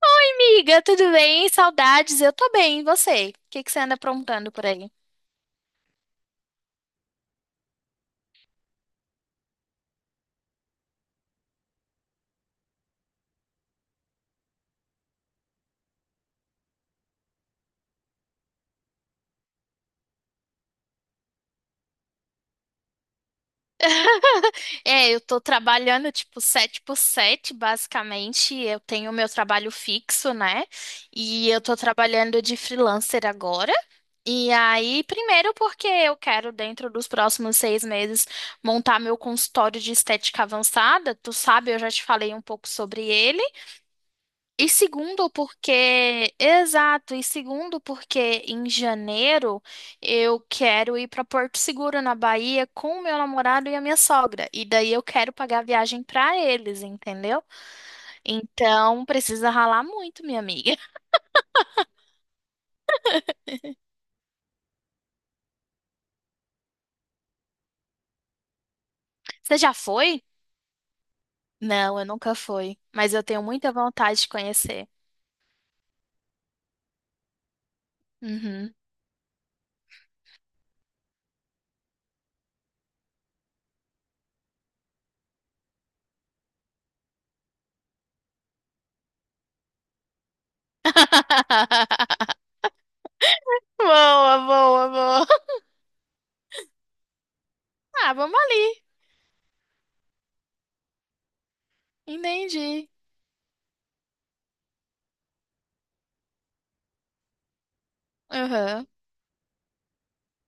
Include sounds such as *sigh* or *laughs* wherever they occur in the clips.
Oi, amiga, tudo bem? Saudades, eu tô bem, e você? O que que você anda aprontando por aí? Eu tô trabalhando tipo 7 por 7, basicamente. Eu tenho meu trabalho fixo, né? E eu tô trabalhando de freelancer agora. E aí, primeiro porque eu quero, dentro dos próximos 6 meses, montar meu consultório de estética avançada. Tu sabe, eu já te falei um pouco sobre ele. E segundo porque, exato, e segundo porque em janeiro eu quero ir para Porto Seguro, na Bahia, com o meu namorado e a minha sogra. E daí eu quero pagar a viagem para eles, entendeu? Então precisa ralar muito, minha amiga. *laughs* Você já foi? Não, eu nunca fui, mas eu tenho muita vontade de conhecer. Uhum. *laughs* Boa, boa, boa. Ah, vamos ali. Entendi. Aham,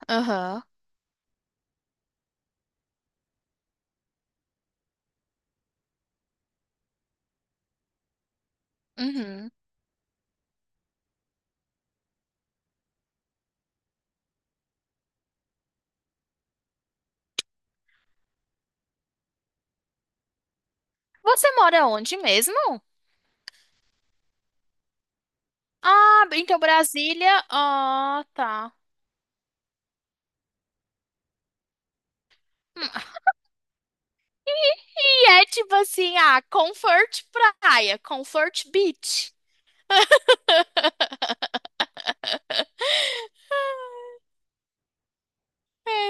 aham, uhum. Você mora onde mesmo? Ah, então Brasília. Ah, tá. Hum, E é tipo assim, ah, Comfort Praia, Comfort Beach.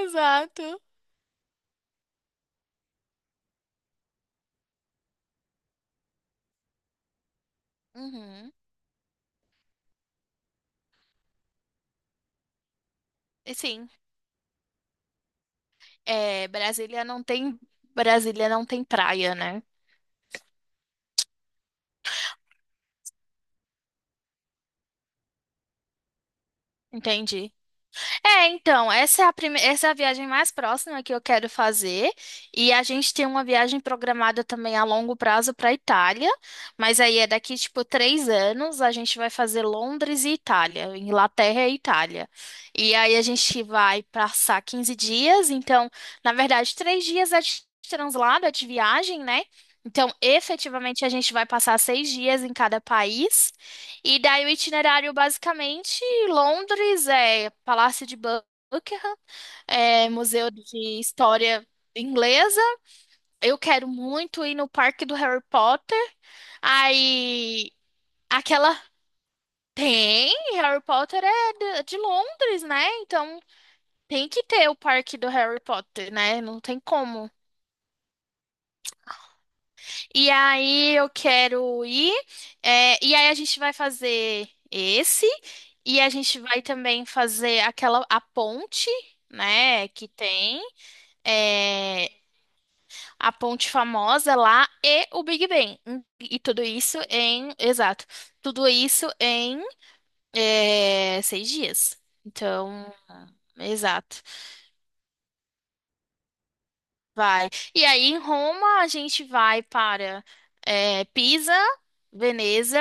Exato. Uhum. E sim, é, Brasília não tem praia, né? Entendi. É, então, essa é a viagem mais próxima que eu quero fazer. E a gente tem uma viagem programada também a longo prazo para Itália. Mas aí é daqui, tipo, 3 anos, a gente vai fazer Londres e Itália, Inglaterra e Itália. E aí a gente vai passar 15 dias. Então, na verdade, 3 dias é de translado, é de viagem, né? Então, efetivamente, a gente vai passar 6 dias em cada país. E daí o itinerário, basicamente, Londres é Palácio de Buckingham, é Museu de História Inglesa. Eu quero muito ir no Parque do Harry Potter. Aí, aquela... Tem, Harry Potter é de Londres, né? Então, tem que ter o Parque do Harry Potter, né? Não tem como. E aí eu quero ir. E aí a gente vai fazer esse. E a gente vai também fazer aquela a ponte, né? Que tem é, a ponte famosa lá e o Big Ben. E tudo isso em, exato, tudo isso em 6 dias. Então, exato, vai. E aí em Roma a gente vai para Pisa, Veneza.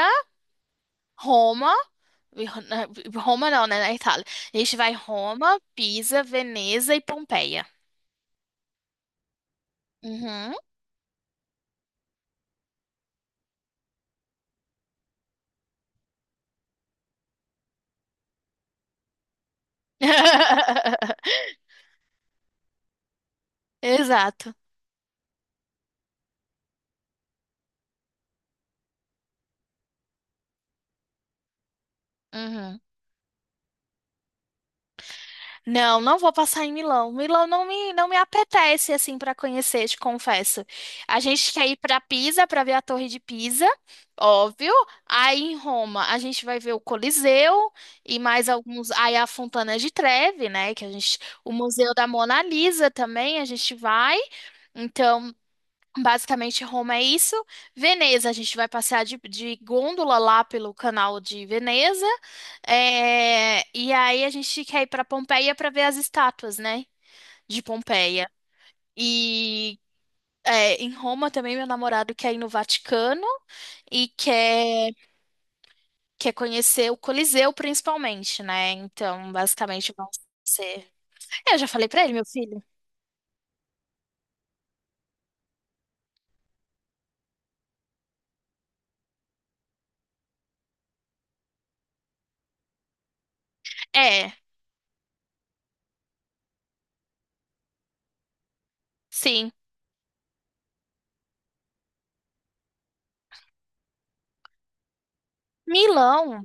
Roma E Ro- Na- Roma não, né? Na Itália. A gente vai Roma, Pisa, Veneza e Pompeia. Uhum. *laughs* Exato. Uhum. Não, não vou passar em Milão. Milão não me, não me apetece assim para conhecer, te confesso. A gente quer ir para Pisa para ver a Torre de Pisa, óbvio. Aí em Roma a gente vai ver o Coliseu e mais alguns. Aí a Fontana de Trevi, né? Que a gente, o Museu da Mona Lisa também a gente vai. Então, basicamente, Roma é isso. Veneza, a gente vai passear de gôndola lá pelo canal de Veneza. É, e aí a gente quer ir para Pompeia para ver as estátuas, né? De Pompeia. E em Roma também, meu namorado quer ir no Vaticano e quer, quer conhecer o Coliseu, principalmente, né? Então, basicamente, vão ser. É, eu já falei para ele, meu filho. É, sim. Milão.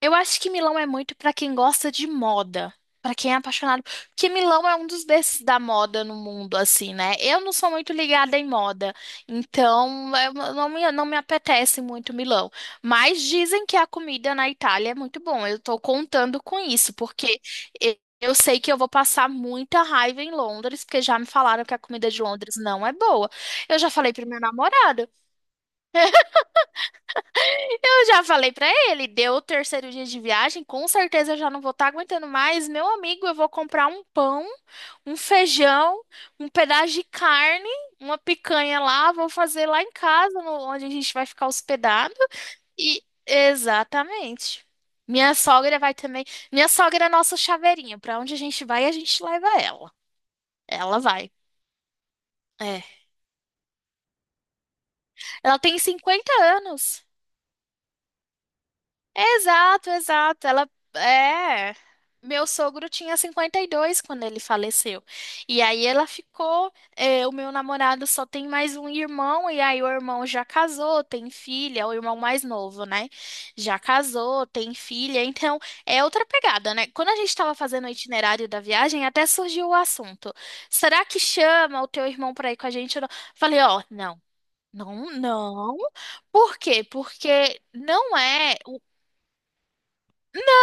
Eu acho que Milão é muito pra quem gosta de moda, pra quem é apaixonado, porque Milão é um dos berços da moda no mundo, assim, né? Eu não sou muito ligada em moda, então eu não me apetece muito Milão. Mas dizem que a comida na Itália é muito bom. Eu tô contando com isso, porque eu sei que eu vou passar muita raiva em Londres, porque já me falaram que a comida de Londres não é boa. Eu já falei pro meu namorado. Eu já falei pra ele, deu o terceiro dia de viagem, com certeza eu já não vou estar aguentando mais. Meu amigo, eu vou comprar um pão, um feijão, um pedaço de carne, uma picanha lá, vou fazer lá em casa, onde a gente vai ficar hospedado. E exatamente. Minha sogra vai também. Minha sogra é nossa chaveirinha. Pra onde a gente vai, a gente leva ela. Ela vai. É. Ela tem 50 anos. Exato, exato. Ela é. Meu sogro tinha 52 quando ele faleceu. E aí ela ficou. O meu namorado só tem mais um irmão, e aí o irmão já casou, tem filha, é o irmão mais novo, né? Já casou, tem filha. Então é outra pegada, né? Quando a gente estava fazendo o itinerário da viagem, até surgiu o assunto: será que chama o teu irmão para ir com a gente? Ou não? Falei, ó, não. Não, não. Por quê? Porque não é.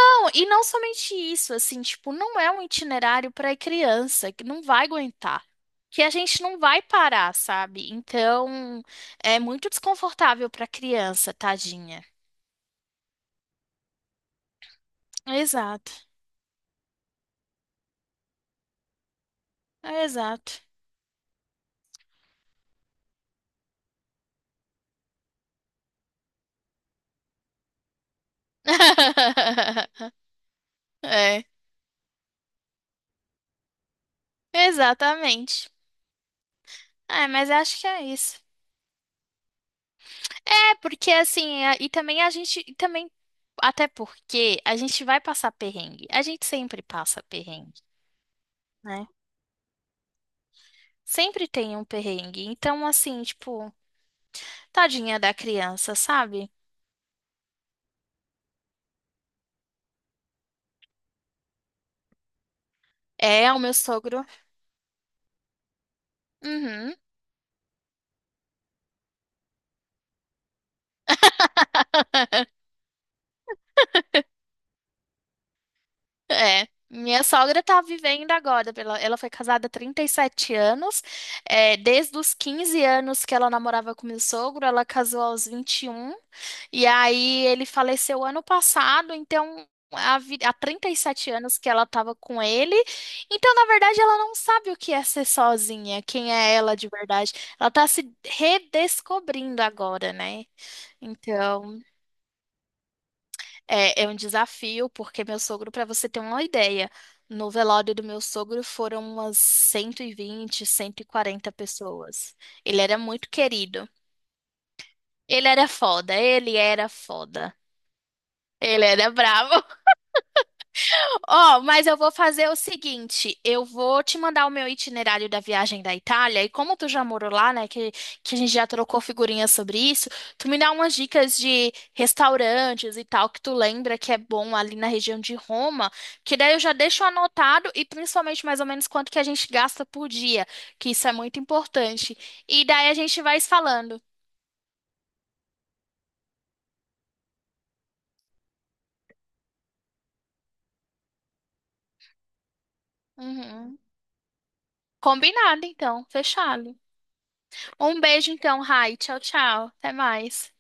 Não, e não somente isso, assim, tipo, não é um itinerário para criança que não vai aguentar, que a gente não vai parar, sabe? Então, é muito desconfortável para criança, tadinha. Exato, exato. *laughs* É, exatamente. É, mas acho que é isso. É, porque assim, e também a gente, e também, até porque a gente vai passar perrengue. A gente sempre passa perrengue, né? Sempre tem um perrengue. Então, assim, tipo. Tadinha da criança, sabe? É, é o meu sogro. Uhum, é. Minha sogra tá vivendo agora. Ela foi casada há 37 anos. É, desde os 15 anos que ela namorava com meu sogro, ela casou aos 21. E um. E aí ele faleceu ano passado, então. Há 37 anos que ela tava com ele. Então, na verdade, ela não sabe o que é ser sozinha, quem é ela de verdade. Ela tá se redescobrindo agora, né? Então, é, é um desafio, porque meu sogro, para você ter uma ideia, no velório do meu sogro foram umas 120, 140 pessoas. Ele era muito querido. Ele era foda. Ele era bravo. Ó, mas eu vou fazer o seguinte, eu vou te mandar o meu itinerário da viagem da Itália, e como tu já morou lá, né, que a gente já trocou figurinhas sobre isso, tu me dá umas dicas de restaurantes e tal que tu lembra que é bom ali na região de Roma, que daí eu já deixo anotado e principalmente mais ou menos quanto que a gente gasta por dia, que isso é muito importante. E daí a gente vai se falando. Uhum. Combinado, então, fechado. Um beijo então, Rai, tchau, tchau, até mais.